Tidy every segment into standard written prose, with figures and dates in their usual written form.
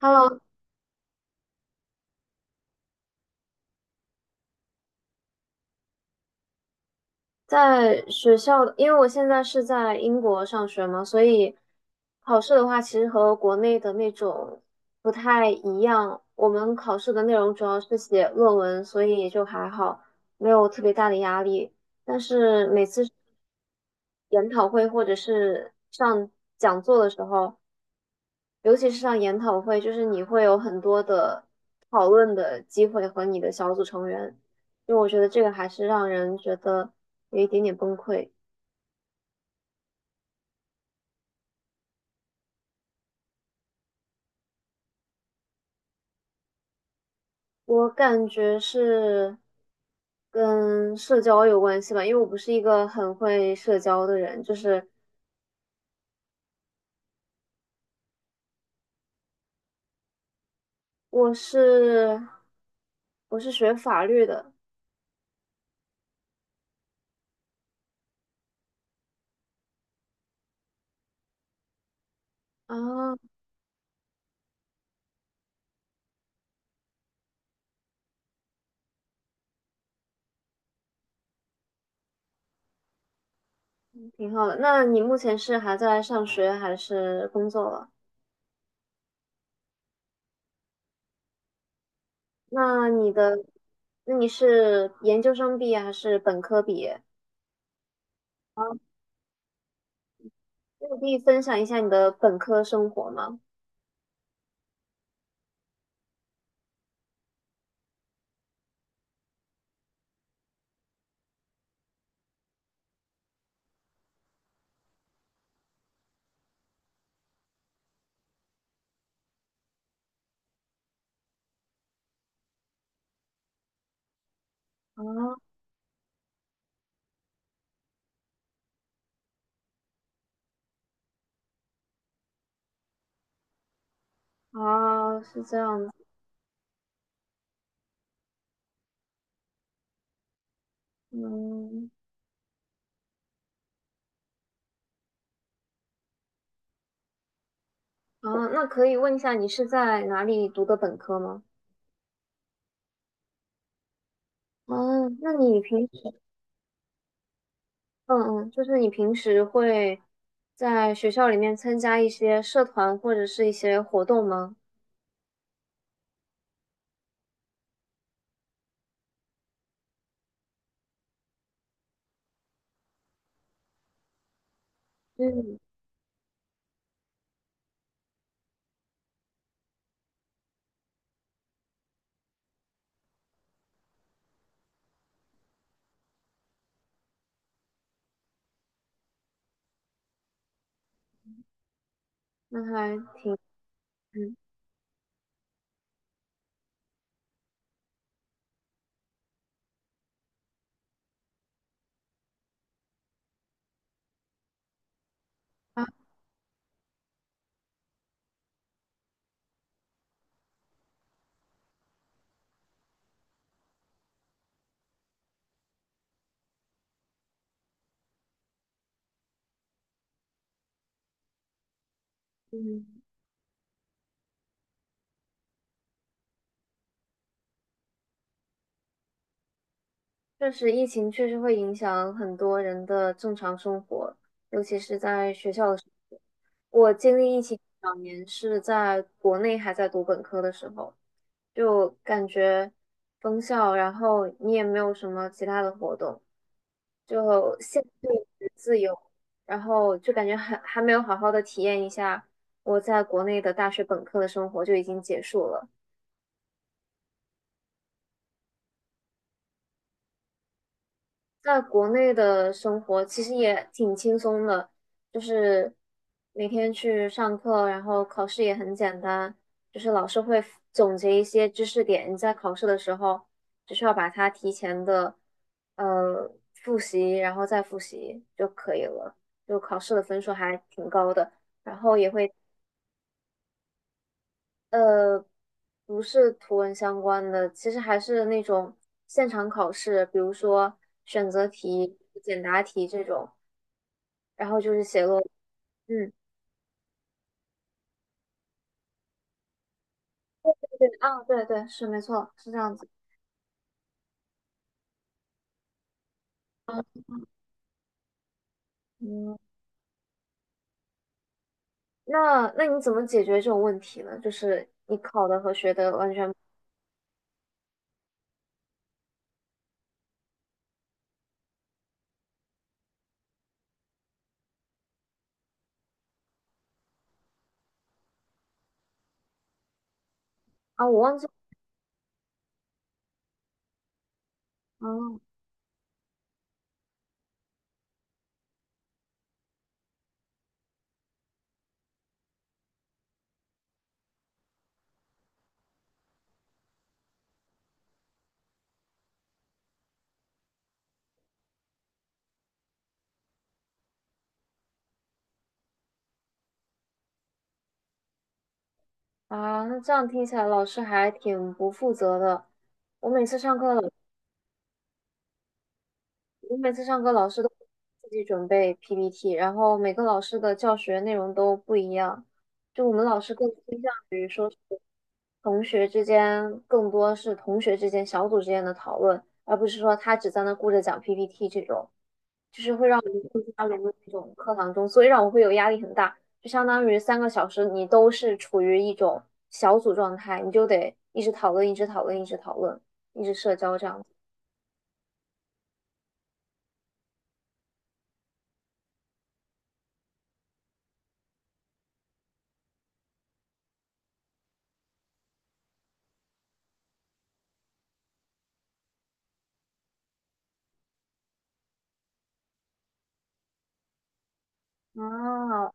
Hello，在学校的，因为我现在是在英国上学嘛，所以考试的话，其实和国内的那种不太一样。我们考试的内容主要是写论文，所以也就还好，没有特别大的压力。但是每次研讨会或者是上讲座的时候，尤其是像研讨会，就是你会有很多的讨论的机会和你的小组成员，因为我觉得这个还是让人觉得有一点点崩溃。我感觉是跟社交有关系吧，因为我不是一个很会社交的人，就是我是我是学法律的啊。挺好的。那你目前是还在上学还是工作了？那你的，那你是研究生毕业还是本科毕业？啊，那你可以分享一下你的本科生活吗？啊啊，是这样子，嗯。啊，那可以问一下你是在哪里读的本科吗？哦，那你平时，嗯嗯，就是你平时会在学校里面参加一些社团或者是一些活动吗？嗯，那还挺，嗯啊，嗯。确实，疫情确实会影响很多人的正常生活，尤其是在学校的时候。我经历疫情2年是在国内还在读本科的时候，就感觉封校，然后你也没有什么其他的活动，就限制你的自由，然后就感觉还没有好好的体验一下我在国内的大学本科的生活就已经结束了。在国内的生活其实也挺轻松的，就是每天去上课，然后考试也很简单，就是老师会总结一些知识点，你在考试的时候只需要把它提前的呃复习，然后再复习就可以了，就考试的分数还挺高的，然后也会。呃，不是图文相关的，其实还是那种现场考试，比如说选择题、简答题这种，然后就是写落。嗯，对，啊，对对，是没错，是这样子。嗯，那你怎么解决这种问题呢？就是你考的和学的完全。啊，我忘记。啊啊，那这样听起来老师还挺不负责的。我每次上课，老我每次上课老师都自己准备 PPT，然后每个老师的教学内容都不一样，就我们老师更倾向同学之间，更多是同学之间、小组之间的讨论，而不是说他只在那顾着讲 PPT 这种，他融入这种课堂中，所以让我会有压力很大，就相当于3个小时你都是处于一种小组状态，你就得一直讨论、一直讨论、一直讨论、一直社交这样子。啊，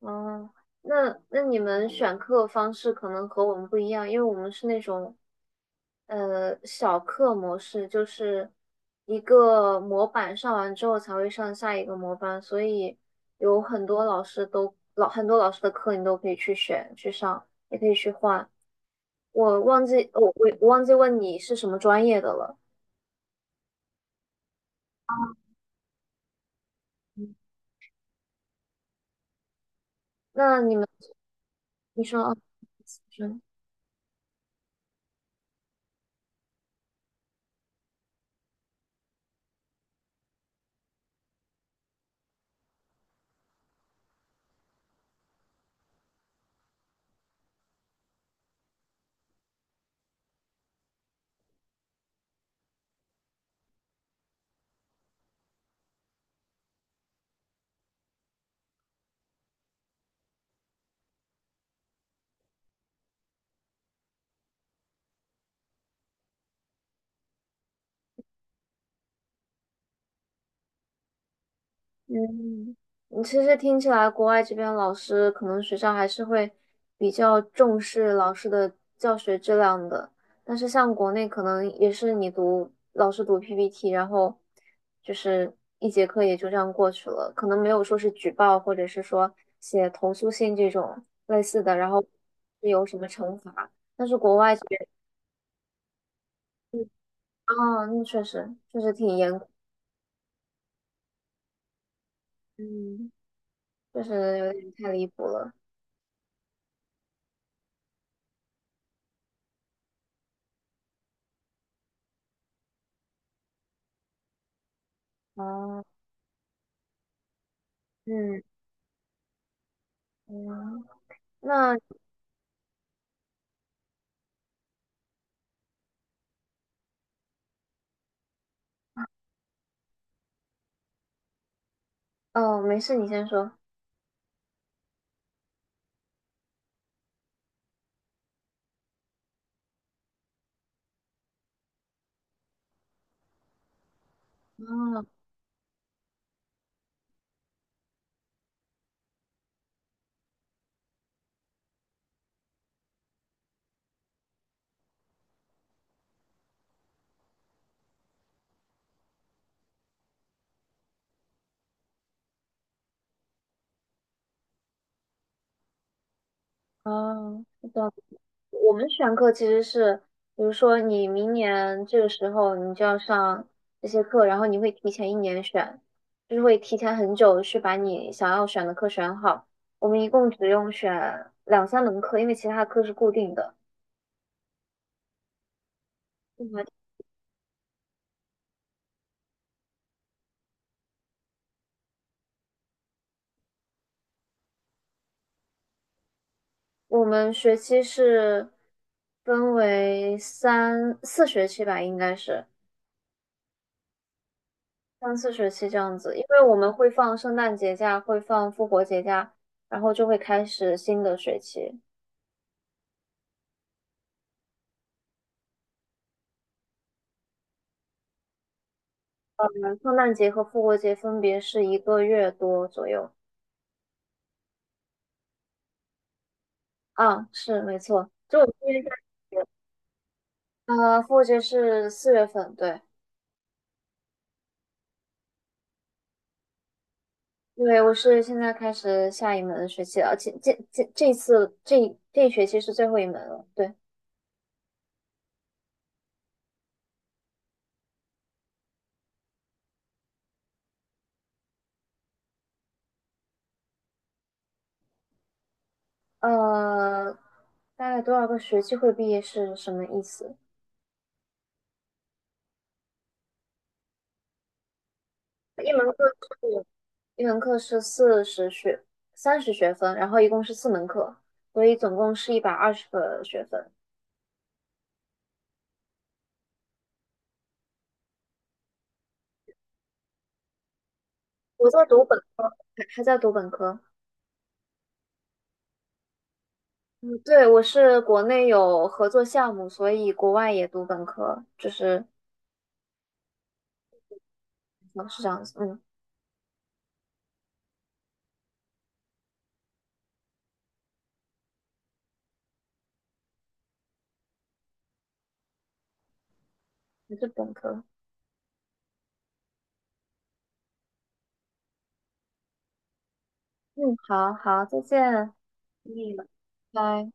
哦，那那你们选课方式可能和我们不一样，因为我们是那种小课模式，就是一个模板上完之后才会上下一个模板，所以有很多老师都老很多老师的课你都可以去选去上，也可以去换。我忘记我我我忘记问你是什么专业的了。那你们你说啊，你说。嗯，嗯，其实听起来，国外这边老师可能学校还是会比较重视老师的教学质量的，但是像国内可能也是你读老师读 PPT，然后就是一节课也就这样过去了，可能没有说是举报或者是说写投诉信这种类似的，然后是有什么惩罚，但是国外这边。哦，那确实确实挺严。嗯，确实有点太离谱了。哦，嗯嗯。那哦，没事，你先说。啊啊，是的，我们选课其实是，比如说你明年这个时候你就要上这些课，然后你会提前一年选，就是会提前很久去把你想要选的课选好。我们一共只用选两三门课，因为其他课是固定的。嗯，我们学期是分为三四学期吧，应该是。三四学期这样子，因为我们会放圣诞节假，会放复活节假，然后就会开始新的学期。圣诞节和复活节分别是一个月多左右。啊，是没错，就我们这边下学期。复活节是4月份，对。因为我是现在开始下一门学期了，而且这次这一学期是最后一门了，对。呃，大概多少个学期会毕业是什么意思？一门课是。一门课是四十学30学分，然后一共是四门课，所以总共是120个学分。我在读本科，还在读本科。嗯，对，我是国内有合作项目，所以国外也读本科，就是嗯是这样子，嗯，还是本科。嗯，好好，再见，嗯。拜。